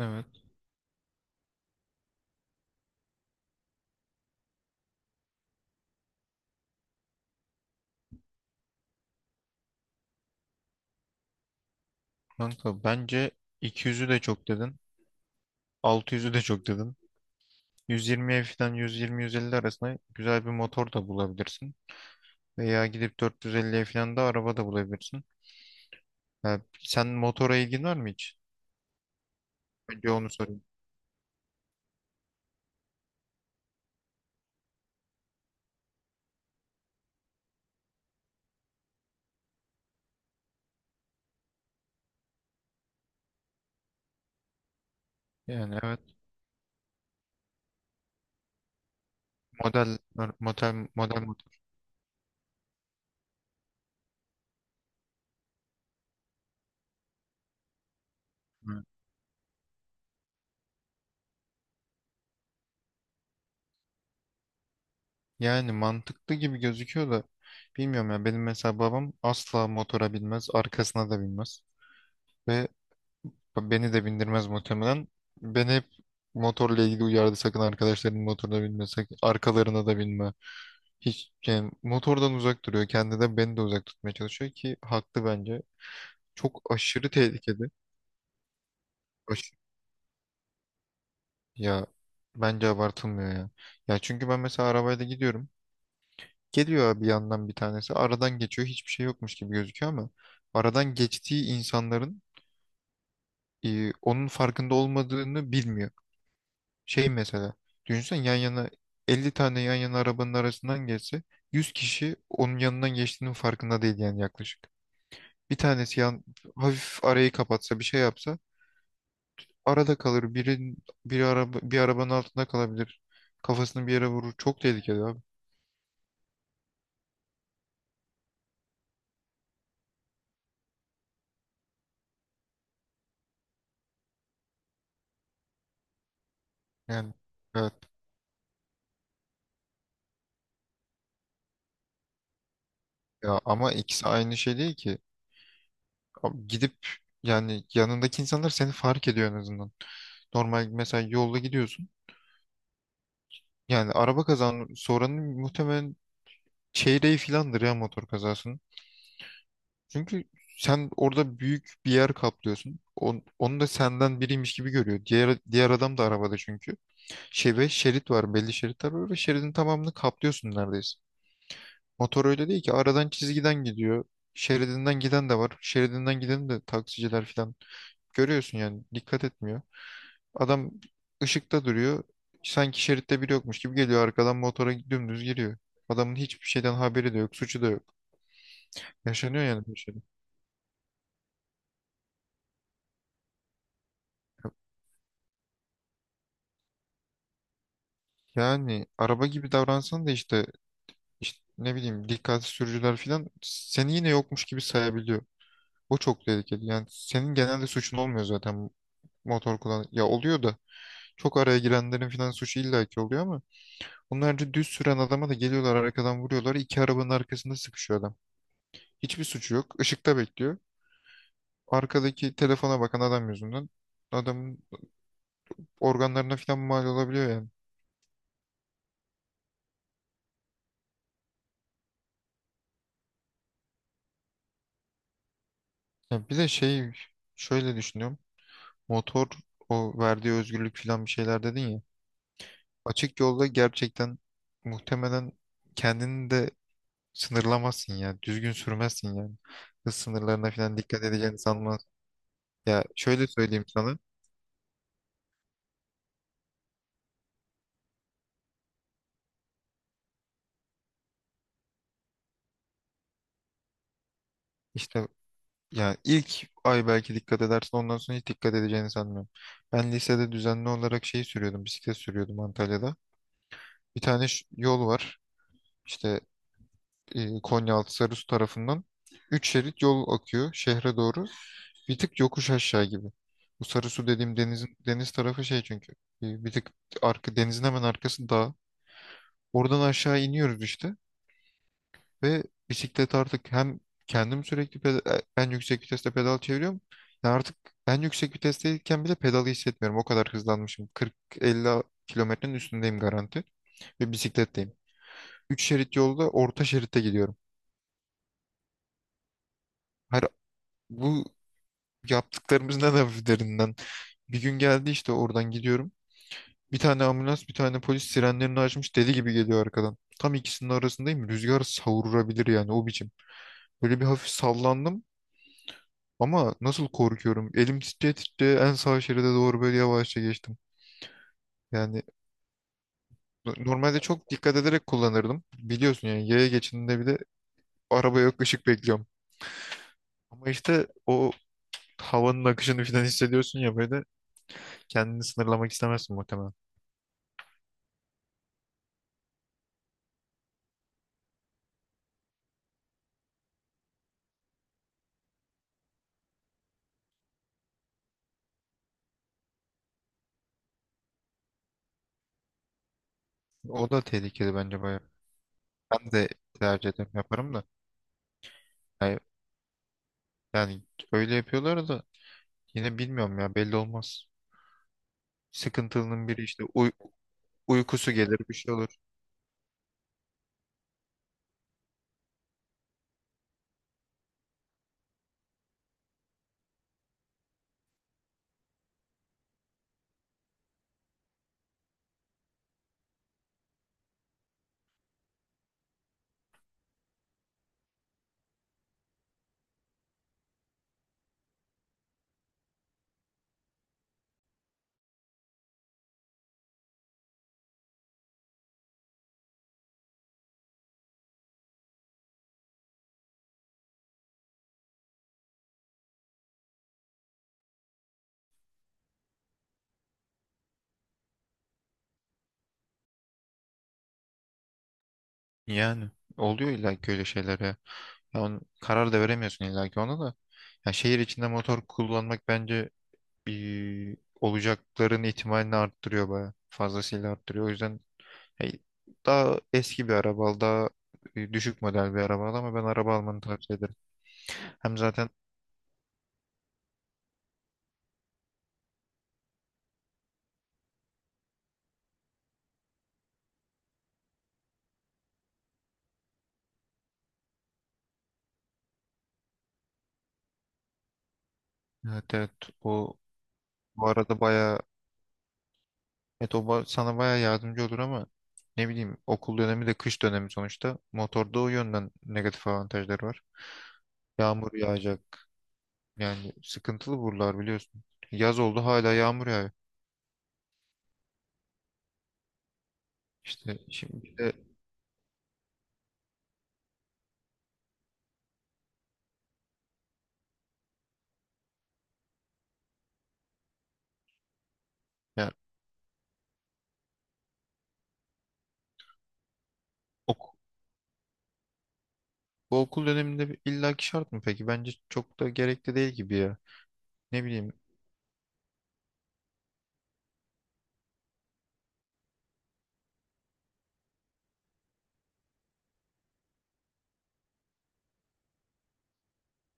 Evet, kanka bence 200'ü de çok dedin. 600'ü de çok dedin. 120'ye falan, 120-150 arasında güzel bir motor da bulabilirsin. Veya gidip 450'ye falan da araba da bulabilirsin. Ya, sen motora ilgin var mı hiç? Önce onu sorayım. Yani evet, model model model motor. Evet. Yani mantıklı gibi gözüküyor da bilmiyorum ya, benim mesela babam asla motora binmez, arkasına da binmez. Ve beni de bindirmez muhtemelen. Beni hep motorla ilgili uyardı: sakın arkadaşların motoruna binme, sakın arkalarına da binme. Hiç yani motordan uzak duruyor. Kendi de beni de uzak tutmaya çalışıyor ki haklı bence. Çok aşırı tehlikeli. Aş- Ya, bence abartılmıyor ya. Ya çünkü ben mesela arabayla gidiyorum. Geliyor abi, yandan bir tanesi. Aradan geçiyor. Hiçbir şey yokmuş gibi gözüküyor ama aradan geçtiği insanların onun farkında olmadığını bilmiyor. Şey mesela, düşünsen yan yana 50 tane yan yana arabanın arasından geçse, 100 kişi onun yanından geçtiğinin farkında değil yani, yaklaşık. Bir tanesi yan, hafif arayı kapatsa, bir şey yapsa arada kalır. Biri, bir araba bir arabanın altında kalabilir. Kafasını bir yere vurur. Çok tehlikeli abi. Yani, evet. Ya ama ikisi aynı şey değil ki. Abi, gidip yani, yanındaki insanlar seni fark ediyor en azından. Normal mesela yolda gidiyorsun. Yani araba kazan soranın muhtemelen çeyreği filandır ya motor kazasının. Çünkü sen orada büyük bir yer kaplıyorsun. Onu da senden biriymiş gibi görüyor. Diğer adam da arabada çünkü. Şey, ve şerit var, belli şeritler var ve şeridin tamamını kaplıyorsun neredeyse. Motor öyle değil ki, aradan, çizgiden gidiyor. Şeridinden giden de var. Şeridinden giden de taksiciler filan. Görüyorsun yani dikkat etmiyor. Adam ışıkta duruyor. Sanki şeritte biri yokmuş gibi geliyor arkadan motora dümdüz giriyor. Adamın hiçbir şeyden haberi de yok, suçu da yok. Yaşanıyor yani bir. Yani araba gibi davransan da işte, ne bileyim, dikkatsiz sürücüler falan seni yine yokmuş gibi sayabiliyor. O çok tehlikeli. Yani senin genelde suçun olmuyor zaten motor kullan. Ya, oluyor da, çok araya girenlerin falan suçu illaki oluyor ama onlarca düz süren adama da geliyorlar arkadan vuruyorlar. İki arabanın arkasında sıkışıyor adam. Hiçbir suçu yok. Işıkta bekliyor. Arkadaki telefona bakan adam yüzünden adamın organlarına falan mal olabiliyor yani. Ya bir de şey, şöyle düşünüyorum. Motor, o verdiği özgürlük falan, bir şeyler dedin ya. Açık yolda gerçekten muhtemelen kendini de sınırlamazsın ya. Düzgün sürmezsin yani. Hız sınırlarına falan dikkat edeceğini sanmaz. Ya, şöyle söyleyeyim sana. İşte, ya ilk ay belki dikkat edersin, ondan sonra hiç dikkat edeceğini sanmıyorum. Ben lisede düzenli olarak şey sürüyordum. Bisiklet sürüyordum Antalya'da. Bir tane yol var. İşte Konyaaltı Sarısu tarafından. Üç şerit yol akıyor şehre doğru. Bir tık yokuş aşağı gibi. Bu Sarısu dediğim denizin, deniz tarafı şey çünkü. Bir tık arka, denizin hemen arkası dağ. Oradan aşağı iniyoruz işte ve bisiklet artık, hem kendim sürekli en yüksek viteste pedal çeviriyorum. Yani artık en yüksek vitesteyken bile pedalı hissetmiyorum. O kadar hızlanmışım. 40-50 kilometrenin üstündeyim garanti ve bisikletteyim. 3 şerit yolda orta şeritte gidiyorum. Her, bu yaptıklarımızın en hafiflerinden. Bir gün geldi işte, oradan gidiyorum. Bir tane ambulans, bir tane polis sirenlerini açmış deli gibi geliyor arkadan. Tam ikisinin arasındayım. Rüzgar savurabilir yani, o biçim. Böyle bir hafif sallandım ama nasıl korkuyorum. Elim titreye titreye en sağ şeride doğru böyle yavaşça geçtim. Yani normalde çok dikkat ederek kullanırdım. Biliyorsun yani, yaya geçidinde, bir de araba yok, ışık bekliyorum. Ama işte o havanın akışını falan hissediyorsun ya, böyle kendini sınırlamak istemezsin muhtemelen. O da tehlikeli bence bayağı. Ben de tercih ederim, yaparım da. Yani, yani, öyle yapıyorlar da yine, bilmiyorum ya, belli olmaz. Sıkıntılının biri işte, uykusu gelir, bir şey olur. Yani oluyor illa ki öyle şeyler ya. Ya karar da veremiyorsun illa ki ona da. Ya, şehir içinde motor kullanmak bence bir olacakların ihtimalini arttırıyor bayağı. Fazlasıyla arttırıyor. O yüzden hey, daha eski bir araba al, daha düşük model bir araba al, ama ben araba almanı tavsiye ederim. Hem zaten. Evet, evet. O bu arada baya, evet. O sana baya yardımcı olur ama ne bileyim, okul dönemi de, kış dönemi sonuçta, motorda o yönden negatif avantajları var. Yağmur yağacak yani, sıkıntılı buralar biliyorsun. Yaz oldu hala yağmur yağıyor. İşte şimdi bir de, yani ok, bu okul döneminde bir illaki şart mı peki? Bence çok da gerekli değil gibi ya. Ne bileyim,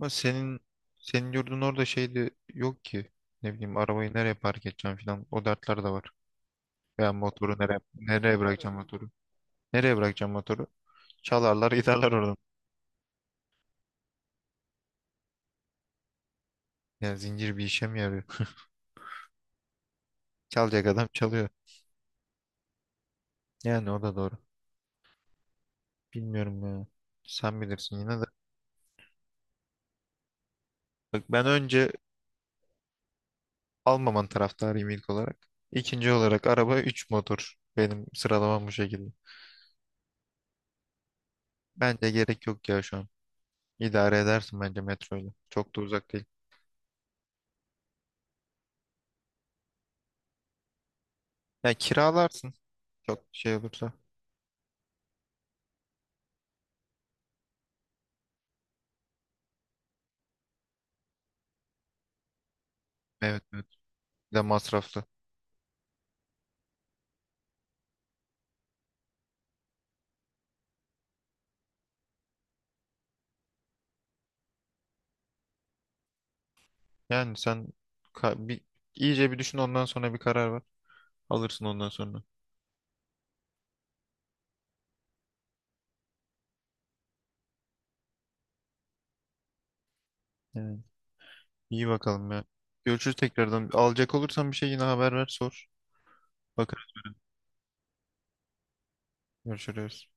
ama senin yurdun orada şey de yok ki, ne bileyim, arabayı nereye park edeceğim falan, o dertler de var. Ben motoru nereye bırakacağım motoru? Nereye bırakacağım motoru? Çalarlar giderler oradan. Ya, zincir bir işe mi yarıyor? Çalacak adam çalıyor. Yani o da doğru. Bilmiyorum ya. Sen bilirsin yine de. Bak, ben önce almaman taraftarıyım ilk olarak. İkinci olarak araba, 3 motor. Benim sıralamam bu şekilde. Bence gerek yok ya şu an. İdare edersin bence metroyla. Çok da uzak değil. Ya, kiralarsın. Çok şey olursa. Evet, evet. Bir de masraflı. Yani sen, bir, iyice bir düşün, ondan sonra bir karar ver. Alırsın ondan sonra. Evet. İyi, bakalım ya. Görüşürüz tekrardan. Alacak olursan bir şey, yine haber ver, sor. Bakar. Görüşürüz.